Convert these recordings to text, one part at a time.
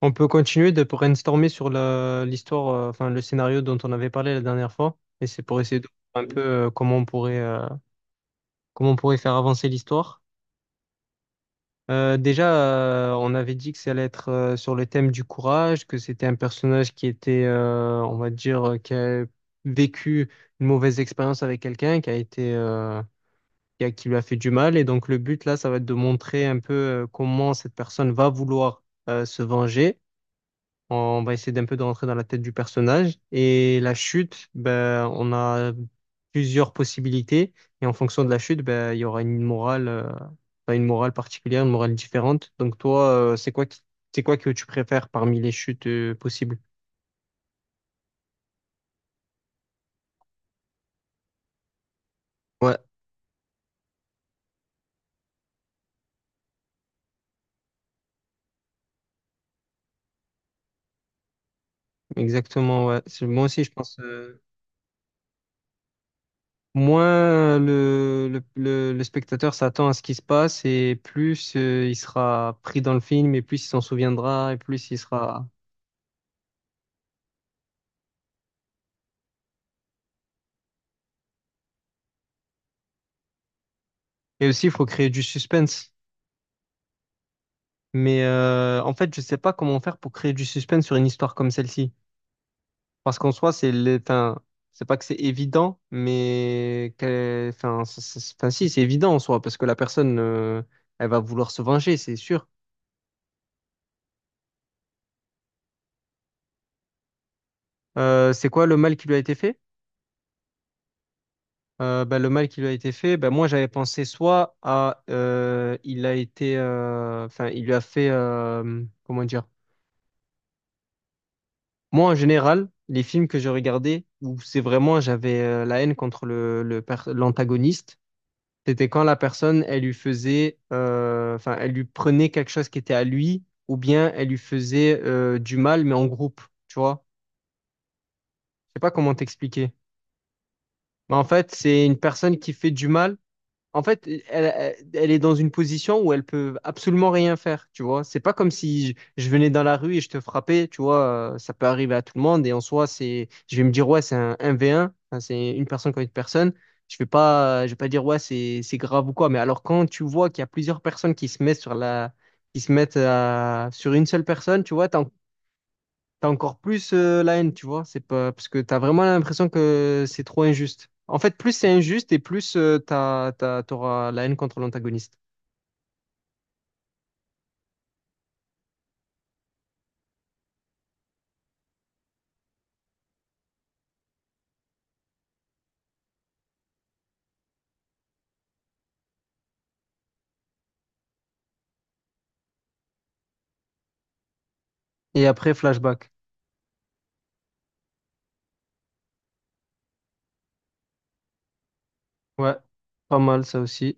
On peut continuer de brainstormer sur l'histoire, enfin le scénario dont on avait parlé la dernière fois. Et c'est pour essayer de voir un peu comment on pourrait faire avancer l'histoire. Déjà, on avait dit que ça allait être sur le thème du courage, que c'était un personnage qui était, on va dire, qui a vécu une mauvaise expérience avec quelqu'un, qui a été, qui lui a fait du mal. Et donc le but là, ça va être de montrer un peu comment cette personne va vouloir se venger. On va essayer d'un peu de rentrer dans la tête du personnage. Et la chute, ben, on a plusieurs possibilités. Et en fonction de la chute, ben, il y aura une morale, enfin, une morale particulière, une morale différente. Donc toi, c'est quoi que tu préfères parmi les chutes, possibles? Ouais, exactement, ouais. Moi aussi, je pense, moins le, le spectateur s'attend à ce qui se passe et plus, il sera pris dans le film et plus il s'en souviendra et plus il sera... Et aussi, il faut créer du suspense. Mais en fait, je sais pas comment faire pour créer du suspense sur une histoire comme celle-ci. Parce qu'en soi, enfin, c'est pas que c'est évident, enfin, enfin, si, c'est évident en soi, parce que la personne, elle va vouloir se venger, c'est sûr. C'est quoi le mal qui lui a été fait? Ben, le mal qui lui a été fait, ben, moi j'avais pensé soit à il a été, enfin, il lui a fait, comment dire? Moi, en général, les films que je regardais où c'est vraiment j'avais la haine contre le, l'antagoniste, c'était quand la personne, elle lui faisait, enfin, elle lui prenait quelque chose qui était à lui, ou bien elle lui faisait du mal, mais en groupe, tu vois. Je sais pas comment t'expliquer. Mais en fait, c'est une personne qui fait du mal. En fait, elle, elle- est dans une position où elle peut absolument rien faire, tu vois. C'est pas comme si je venais dans la rue et je te frappais, tu vois. Ça peut arriver à tout le monde et en soi, je vais me dire, ouais, c'est un 1 v un. Hein, c'est une personne contre une personne. Je vais pas dire, ouais, c'est grave ou quoi. Mais alors, quand tu vois qu'il y a plusieurs personnes qui se mettent sur qui se sur une seule personne, tu vois, t'as encore plus la haine, tu vois. C'est pas parce que t'as vraiment l'impression que c'est trop injuste. En fait, plus c'est injuste et plus t'auras la haine contre l'antagoniste. Et après, flashback. Ouais, pas mal ça aussi.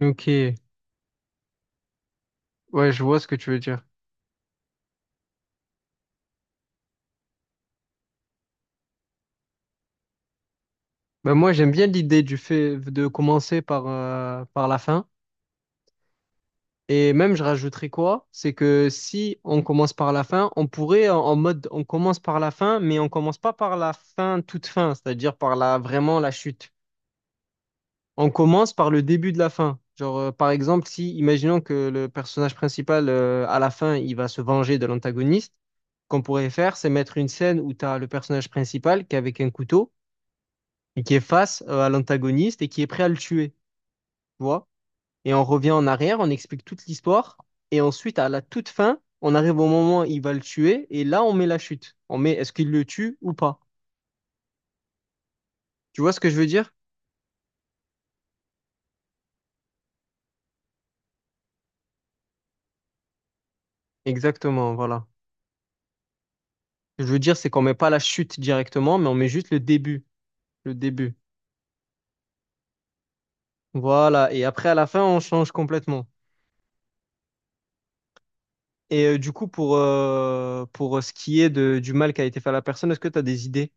Ok, ouais, je vois ce que tu veux dire. Ben moi, j'aime bien l'idée du fait de commencer par, par la fin. Et même, je rajouterais quoi? C'est que si on commence par la fin, on pourrait en, en mode on commence par la fin, mais on commence pas par la fin toute fin, c'est-à-dire par la vraiment la chute. On commence par le début de la fin. Genre, par exemple, si, imaginons que le personnage principal, à la fin, il va se venger de l'antagoniste, qu'on pourrait faire, c'est mettre une scène où tu as le personnage principal qui est avec un couteau et qui est face, à l'antagoniste et qui est prêt à le tuer, tu vois? Et on revient en arrière, on explique toute l'histoire et ensuite, à la toute fin, on arrive au moment où il va le tuer et là, on met la chute. On met est-ce qu'il le tue ou pas? Tu vois ce que je veux dire? Exactement, voilà. Ce que je veux dire, c'est qu'on met pas la chute directement, mais on met juste le début. Le début. Voilà, et après à la fin, on change complètement. Et du coup, pour ce qui est de, du mal qui a été fait à la personne, est-ce que tu as des idées?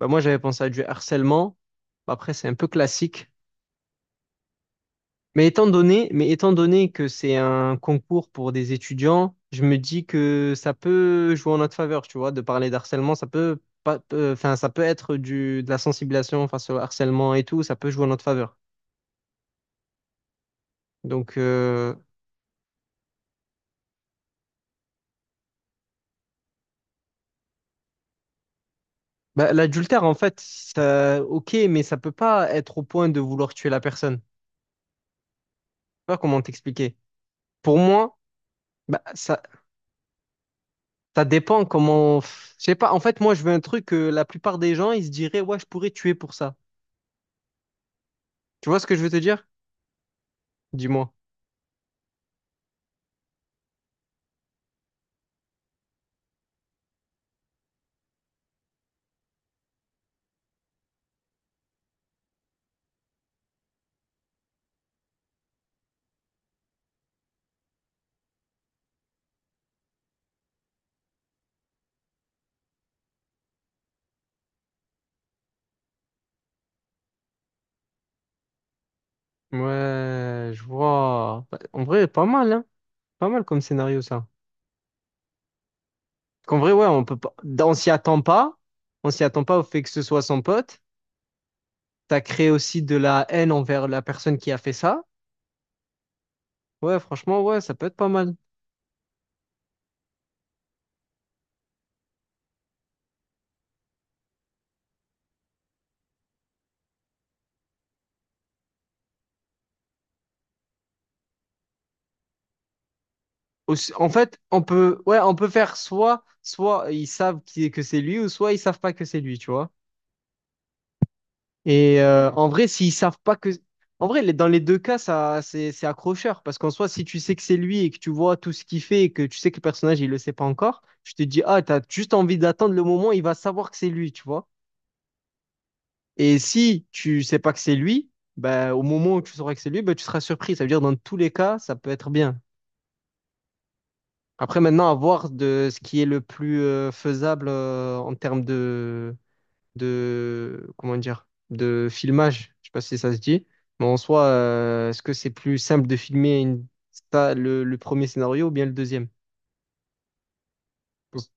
Bah, moi, j'avais pensé à du harcèlement. Bah, après, c'est un peu classique. Mais étant donné que c'est un concours pour des étudiants, je me dis que ça peut jouer en notre faveur, tu vois, de parler d'harcèlement, ça peut pas, enfin, ça peut être du, de la sensibilisation face au harcèlement et tout, ça peut jouer en notre faveur. Donc, bah, l'adultère, en fait, ça, ok, mais ça peut pas être au point de vouloir tuer la personne. Je sais pas comment t'expliquer. Pour moi, bah, ça dépend comment. Je sais pas. En fait, moi, je veux un truc que la plupart des gens, ils se diraient, ouais, je pourrais tuer pour ça. Tu vois ce que je veux te dire? Dis-moi. Ouais, je vois. Bah, en vrai, pas mal, hein. Pas mal comme scénario, ça. Qu'en vrai, ouais, on peut pas. On s'y attend pas. On s'y attend pas au fait que ce soit son pote. T'as créé aussi de la haine envers la personne qui a fait ça. Ouais, franchement, ouais, ça peut être pas mal. En fait, on peut, ouais, on peut faire soit, que c'est lui, ou soit ils savent pas que c'est lui, tu vois. Et en vrai, s'ils savent pas que, en vrai, dans les deux cas, ça, c'est accrocheur, parce qu'en soi, si tu sais que c'est lui et que tu vois tout ce qu'il fait et que tu sais que le personnage il le sait pas encore, tu te dis ah, t'as juste envie d'attendre le moment où il va savoir que c'est lui, tu vois. Et si tu sais pas que c'est lui, ben au moment où tu sauras que c'est lui, ben tu seras surpris. Ça veut dire dans tous les cas, ça peut être bien. Après, maintenant, à voir de ce qui est le plus faisable en termes de, comment dire, de filmage. Je sais pas si ça se dit, mais en soi, est-ce que c'est plus simple de filmer une, le premier scénario ou bien le deuxième? Parce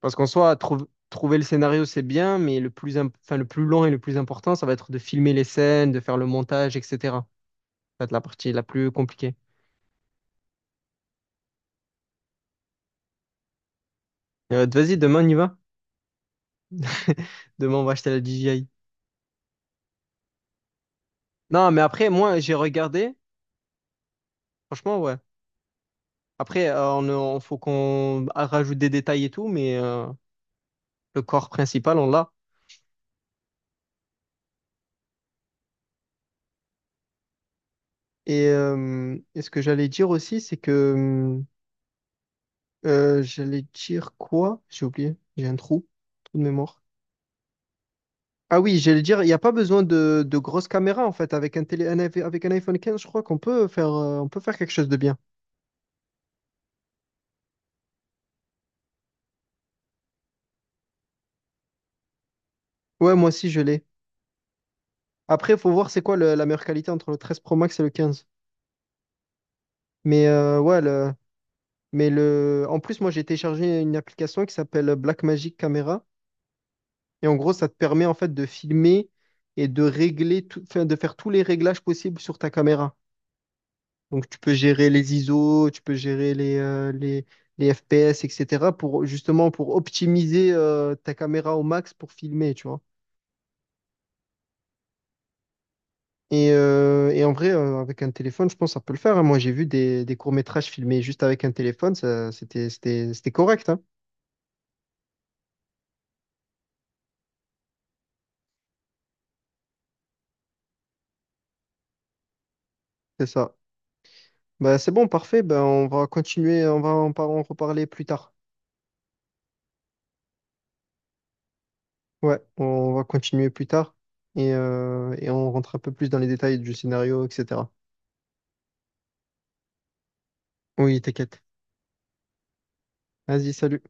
parce qu'en soi, trouver le scénario, c'est bien, mais le plus, enfin, le plus long et le plus important, ça va être de filmer les scènes, de faire le montage, etc. Ça va être la partie la plus compliquée. Vas-y, demain, on y va. Demain, on va acheter la DJI. Non, mais après, moi, j'ai regardé. Franchement, ouais. Après, faut qu'on rajoute des détails et tout, mais le corps principal, on l'a. Et ce que j'allais dire aussi, c'est que j'allais dire quoi? J'ai oublié, trou de mémoire. Ah oui, j'allais dire, il n'y a pas besoin de grosses caméras en fait. Avec un télé, avec un iPhone 15, je crois qu'on peut faire, on peut faire quelque chose de bien. Ouais, moi aussi, je l'ai. Après, il faut voir c'est quoi la meilleure qualité entre le 13 Pro Max et le 15. Mais ouais, mais le, en plus, moi, j'ai téléchargé une application qui s'appelle Blackmagic Camera. Et en gros, ça te permet en fait de filmer et de régler tout, enfin, de faire tous les réglages possibles sur ta caméra. Donc tu peux gérer les ISO, tu peux gérer les FPS, etc. pour justement pour optimiser ta caméra au max pour filmer, tu vois. Et en vrai, avec un téléphone, je pense que ça peut le faire. Hein. Moi, j'ai vu des courts-métrages filmés juste avec un téléphone, ça, c'était correct, hein. C'est ça. Bah, c'est bon, parfait. Ben, on va continuer, on va en en reparler plus tard. Ouais, on va continuer plus tard et on rentre un peu plus dans les détails du scénario, etc. Oui, t'inquiète. Vas-y, salut.